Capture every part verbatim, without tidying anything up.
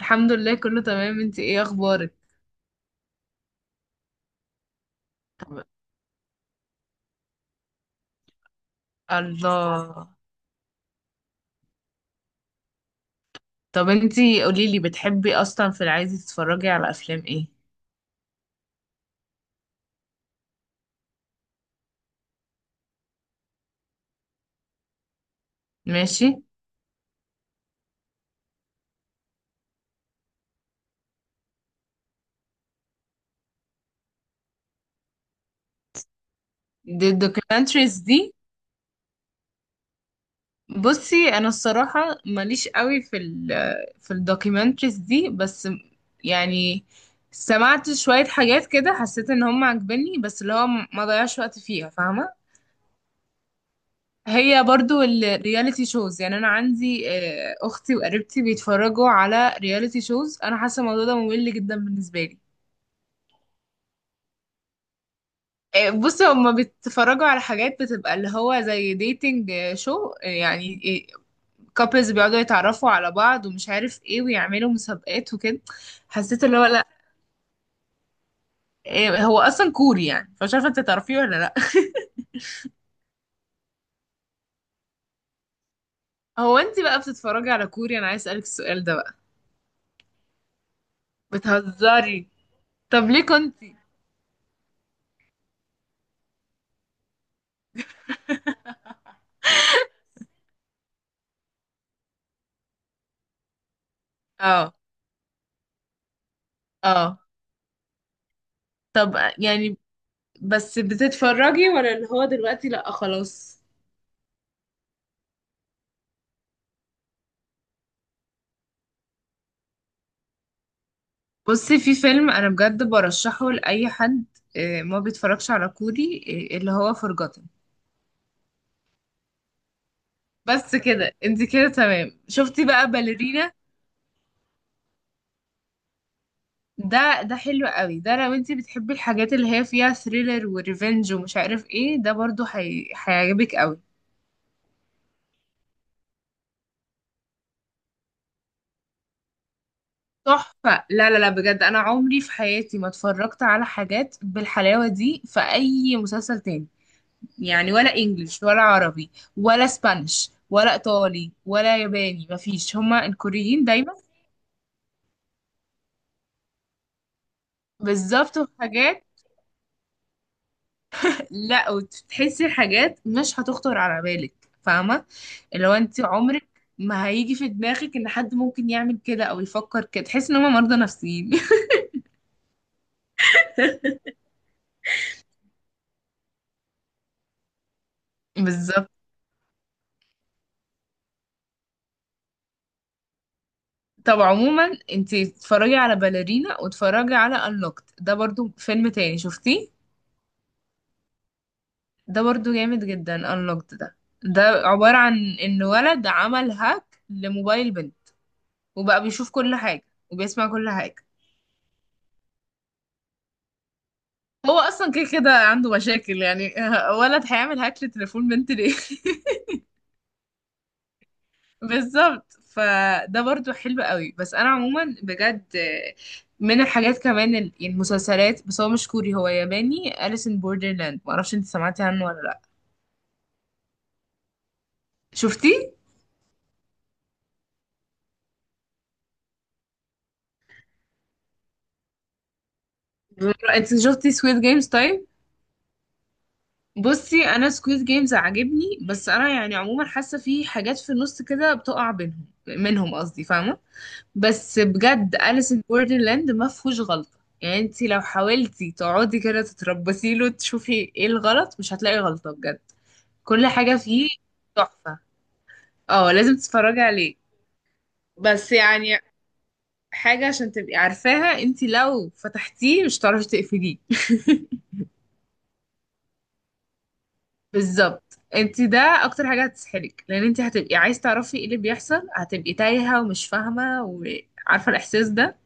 الحمد لله كله تمام. انتي ايه اخبارك؟ طب. الله. طب انتي قوليلي بتحبي اصلا في العادي تتفرجي على افلام ايه؟ ماشي. دي الدوكيومنتريز دي؟ بصي انا الصراحة ماليش قوي في ال في الدوكيومنتريز دي، بس يعني سمعت شوية حاجات كده حسيت ان هم عاجبني، بس اللي هو ما ضيعش وقت فيها، فاهمة؟ هي برضو الرياليتي شوز، يعني انا عندي آه، اختي وقريبتي بيتفرجوا على رياليتي شوز، انا حاسه الموضوع ده ممل جدا بالنسبه لي. آه، بصي هما بيتفرجوا على حاجات بتبقى اللي هو زي ديتنج شو يعني، كابلز بيقعدوا يتعرفوا على بعض ومش عارف ايه ويعملوا مسابقات وكده. حسيت اللي هو لا. آه، هو اصلا كوري يعني، فمش عارفه انت تعرفيه ولا لا. هو انت بقى بتتفرجي على كوري؟ انا عايز اسالك السؤال ده بقى. بتهزري؟ طب ليه كنتي؟ اه. اه. طب يعني بس بتتفرجي ولا اللي هو دلوقتي لأ خلاص؟ بصي في فيلم أنا بجد برشحه لأي حد آه، ما بيتفرجش على كوري، آه، اللي هو فرجتن. بس كده، انت كده تمام. شفتي بقى باليرينا؟ ده ده حلو قوي ده، لو انت بتحبي الحاجات اللي هي فيها ثريلر وريفنج ومش عارف ايه ده برضو حي... هيعجبك قوي. تحفة. لا لا لا بجد، انا عمري في حياتي ما اتفرجت على حاجات بالحلاوة دي في اي مسلسل تاني، يعني ولا انجليش ولا عربي ولا اسبانيش ولا ايطالي ولا ياباني، مفيش. هما الكوريين دايما بالظبط في حاجات. لا وتحسي حاجات مش هتخطر على بالك، فاهمه؟ اللي هو انت عمرك ما هيجي في دماغك ان حد ممكن يعمل كده او يفكر كده، تحس ان هما مرضى نفسيين. بالظبط. طب عموما انت اتفرجي على باليرينا، واتفرجي على انلوكت، ده برضو فيلم تاني. شفتيه؟ ده برضو جامد جدا، unlocked ده. ده عبارة عن ان ولد عمل هاك لموبايل بنت، وبقى بيشوف كل حاجة وبيسمع كل حاجة. هو اصلا كده كده عنده مشاكل يعني، ولد هيعمل هاك لتليفون بنت ليه؟ بالظبط. فده برضو حلو قوي. بس انا عموما بجد من الحاجات كمان ال- المسلسلات، بس هو مش كوري، هو ياباني، أليس ان بوردرلاند. معرفش انت سمعتي عنه ولا لا. شفتي؟ انت شفتي سويت جيمز طيب؟ بصي انا سكويد جيمز عاجبني، بس انا يعني عموما حاسه في حاجات في النص كده بتقع بينهم، منهم قصدي، فاهمه؟ بس بجد أليس ان بوردرلاند ما فيهوش غلطه، يعني انت لو حاولتي تقعدي كده تتربصي له تشوفي ايه الغلط مش هتلاقي غلطه بجد. كل حاجه فيه تحفه. اه لازم تتفرجي عليه. بس يعني حاجه عشان تبقي عارفاها، انت لو فتحتيه مش هتعرفي تقفليه. بالظبط. انت ده اكتر حاجه هتسحلك، لان انت هتبقي عايز تعرفي ايه اللي بيحصل، هتبقي تايهه ومش فاهمه، وعارفه الاحساس ده.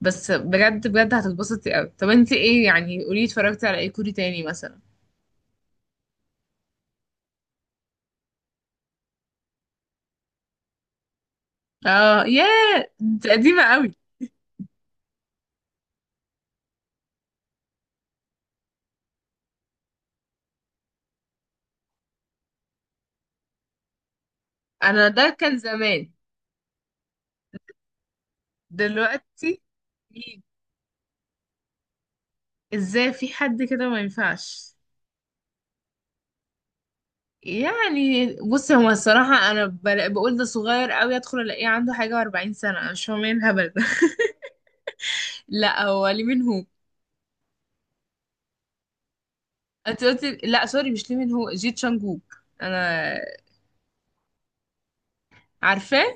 بس بجد بجد هتتبسطي قوي. طب انت ايه يعني؟ قولي اتفرجتي على ايه كوري تاني مثلا. اه ياه انت قديمه قوي. انا ده كان زمان. دلوقتي إيه؟ ازاي في حد كده ما ينفعش، يعني؟ بصي هو الصراحه انا بل- بقول ده صغير قوي، ادخل الاقيه عنده حاجه و40 سنه، انا مش فاهمه ايه الهبل ده. لا هو ليه منهم. انت قلتي لا، سوري، مش ليه من هو، جي تشانج ووك. انا عارفاه.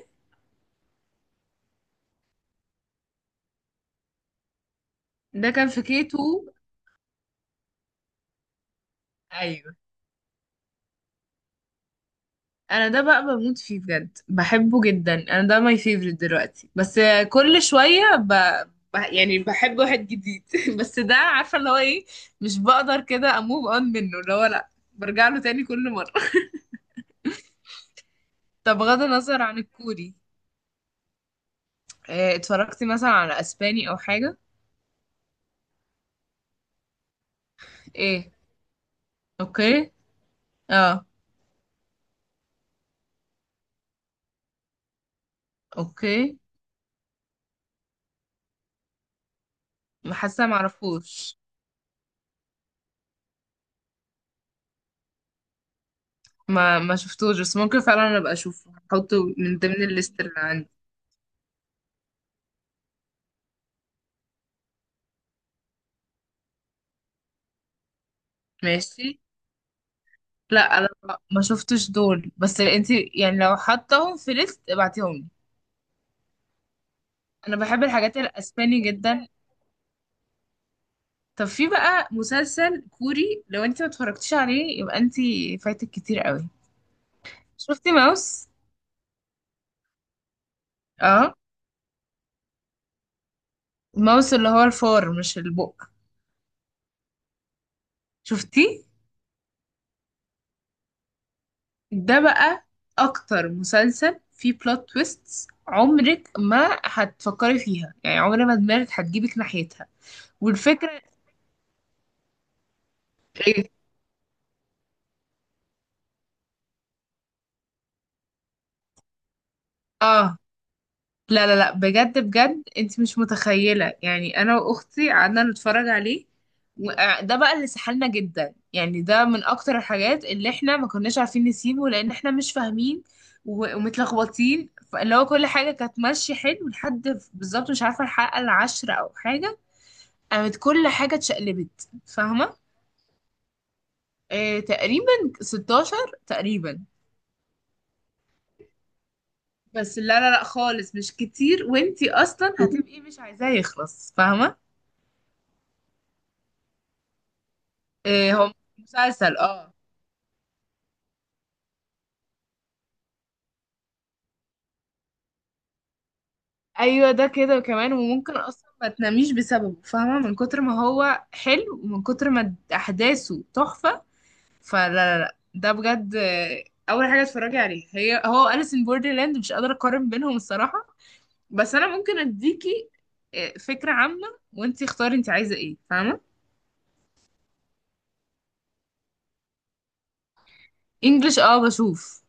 ده كان في كي تو. ايوه. انا ده بقى بموت فيه بجد، بحبه جدا، انا ده ماي فيفرت دلوقتي. بس كل شويه ب... ب... يعني بحب واحد جديد. بس ده عارفه اللي هو ايه، مش بقدر كده اموف اون منه، اللي هو لا برجع له تاني كل مره. طب غض النظر عن الكوري، إيه اتفرجتي مثلا على اسباني او حاجه؟ ايه. اوكي. اه. اوكي. حاسه معرفوش. ما ما شفتوش، بس ممكن فعلا انا ابقى اشوفه، احطه من ضمن الليست اللي عندي. ماشي. لا انا ما شفتش دول، بس انت يعني لو حطهم في ليست ابعتيهم لي. انا بحب الحاجات الاسباني جدا. طب في بقى مسلسل كوري لو انت ما اتفرجتيش عليه يبقى انت فايتك كتير قوي. شفتي ماوس؟ اه. ماوس اللي هو الفار مش البق. شفتيه؟ ده بقى اكتر مسلسل فيه بلوت تويستس عمرك ما هتفكري فيها، يعني عمر ما دماغك هتجيبك ناحيتها. والفكرة ايه. اه لا لا لا بجد بجد، انت مش متخيلة، يعني انا واختي قعدنا نتفرج عليه، وده بقى اللي سحلنا جدا، يعني ده من اكتر الحاجات اللي احنا ما كناش عارفين نسيبه لان احنا مش فاهمين و- ومتلخبطين. فاللي هو كل حاجة كانت ماشية حلو لحد بالظبط مش عارفة الحلقة العاشرة او حاجة، قامت كل حاجة اتشقلبت، فاهمة؟ آه تقريبا ستاشر تقريبا. بس لا لا لا خالص مش كتير، وانتي اصلا هتبقي إيه؟ مش عايزاه يخلص، فاهمة؟ آه هو مسلسل اه. ايوه ده كده كمان، وممكن اصلا ما تناميش بسببه، فاهمة؟ من كتر ما هو حلو ومن كتر ما احداثه تحفة. فلا لا لا ده بجد. آه، اول حاجة اتفرجي عليه هي هو أليس ان بوردرلاند، مش قادرة اقارن بينهم الصراحة. بس انا ممكن اديكي آه، فكرة عامة، وانتي اختاري انتي عايزة ايه، فاهمة؟ انجلش اه بشوف.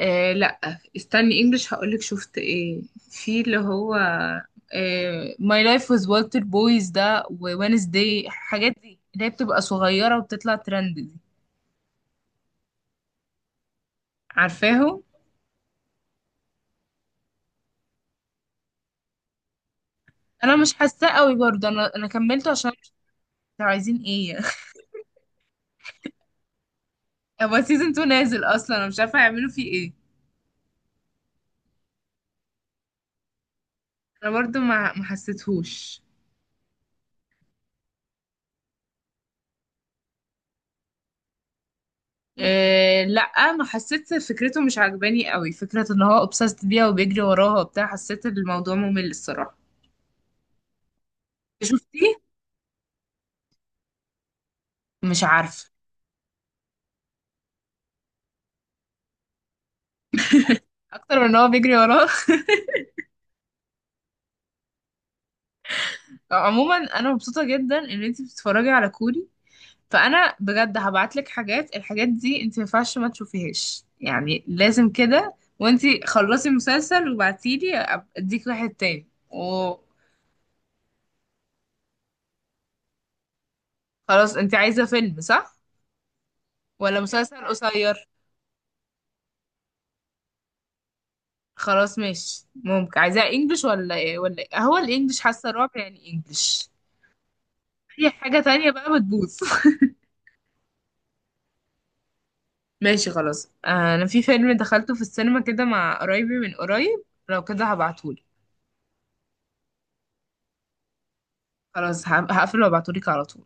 آه لا استني، انجلش هقولك شفت ايه. في اللي هو آه My Life with Walter Boys ده، ووينزداي، الحاجات دي اللي هي بتبقى صغيرة وبتطلع ترند دي. عارفاهم. انا مش حاساه قوي برضه انا انا كملته عشان مش عارفة عايزين ايه. هو سيزون اتنين نازل اصلا، انا مش عارفه هيعملوا فيه ايه. انا برضه ما ما حسيتهوش. إيه لا ما حسيت، فكرته مش عجباني قوي، فكرة ان هو obsessed بيها وبيجري وراها وبتاع، حسيت ان الموضوع ممل الصراحة. شفتيه؟ مش عارفة. اكتر من ان هو بيجري وراها. عموما انا مبسوطة جدا ان انتي بتتفرجي على كوري، فانا بجد هبعتلك حاجات. الحاجات دي انتي ما ينفعش ما تشوفيهاش، يعني لازم كده، وانتي خلصي مسلسل وبعتيلي أب- اديك واحد تاني وخلاص. انتي عايزة فيلم صح ولا مسلسل قصير؟ خلاص ماشي. ممكن عايزاها انجلش ولا ايه ولا ايه؟ هو الانجلش حاسه رعب يعني، انجلش. اي حاجه تانية بقى بتبوظ. ماشي خلاص. آه، انا في فيلم دخلته في السينما كده مع قرايبي من قريب، لو كده هبعتهولي. خلاص هقفل وابعتهولك على طول.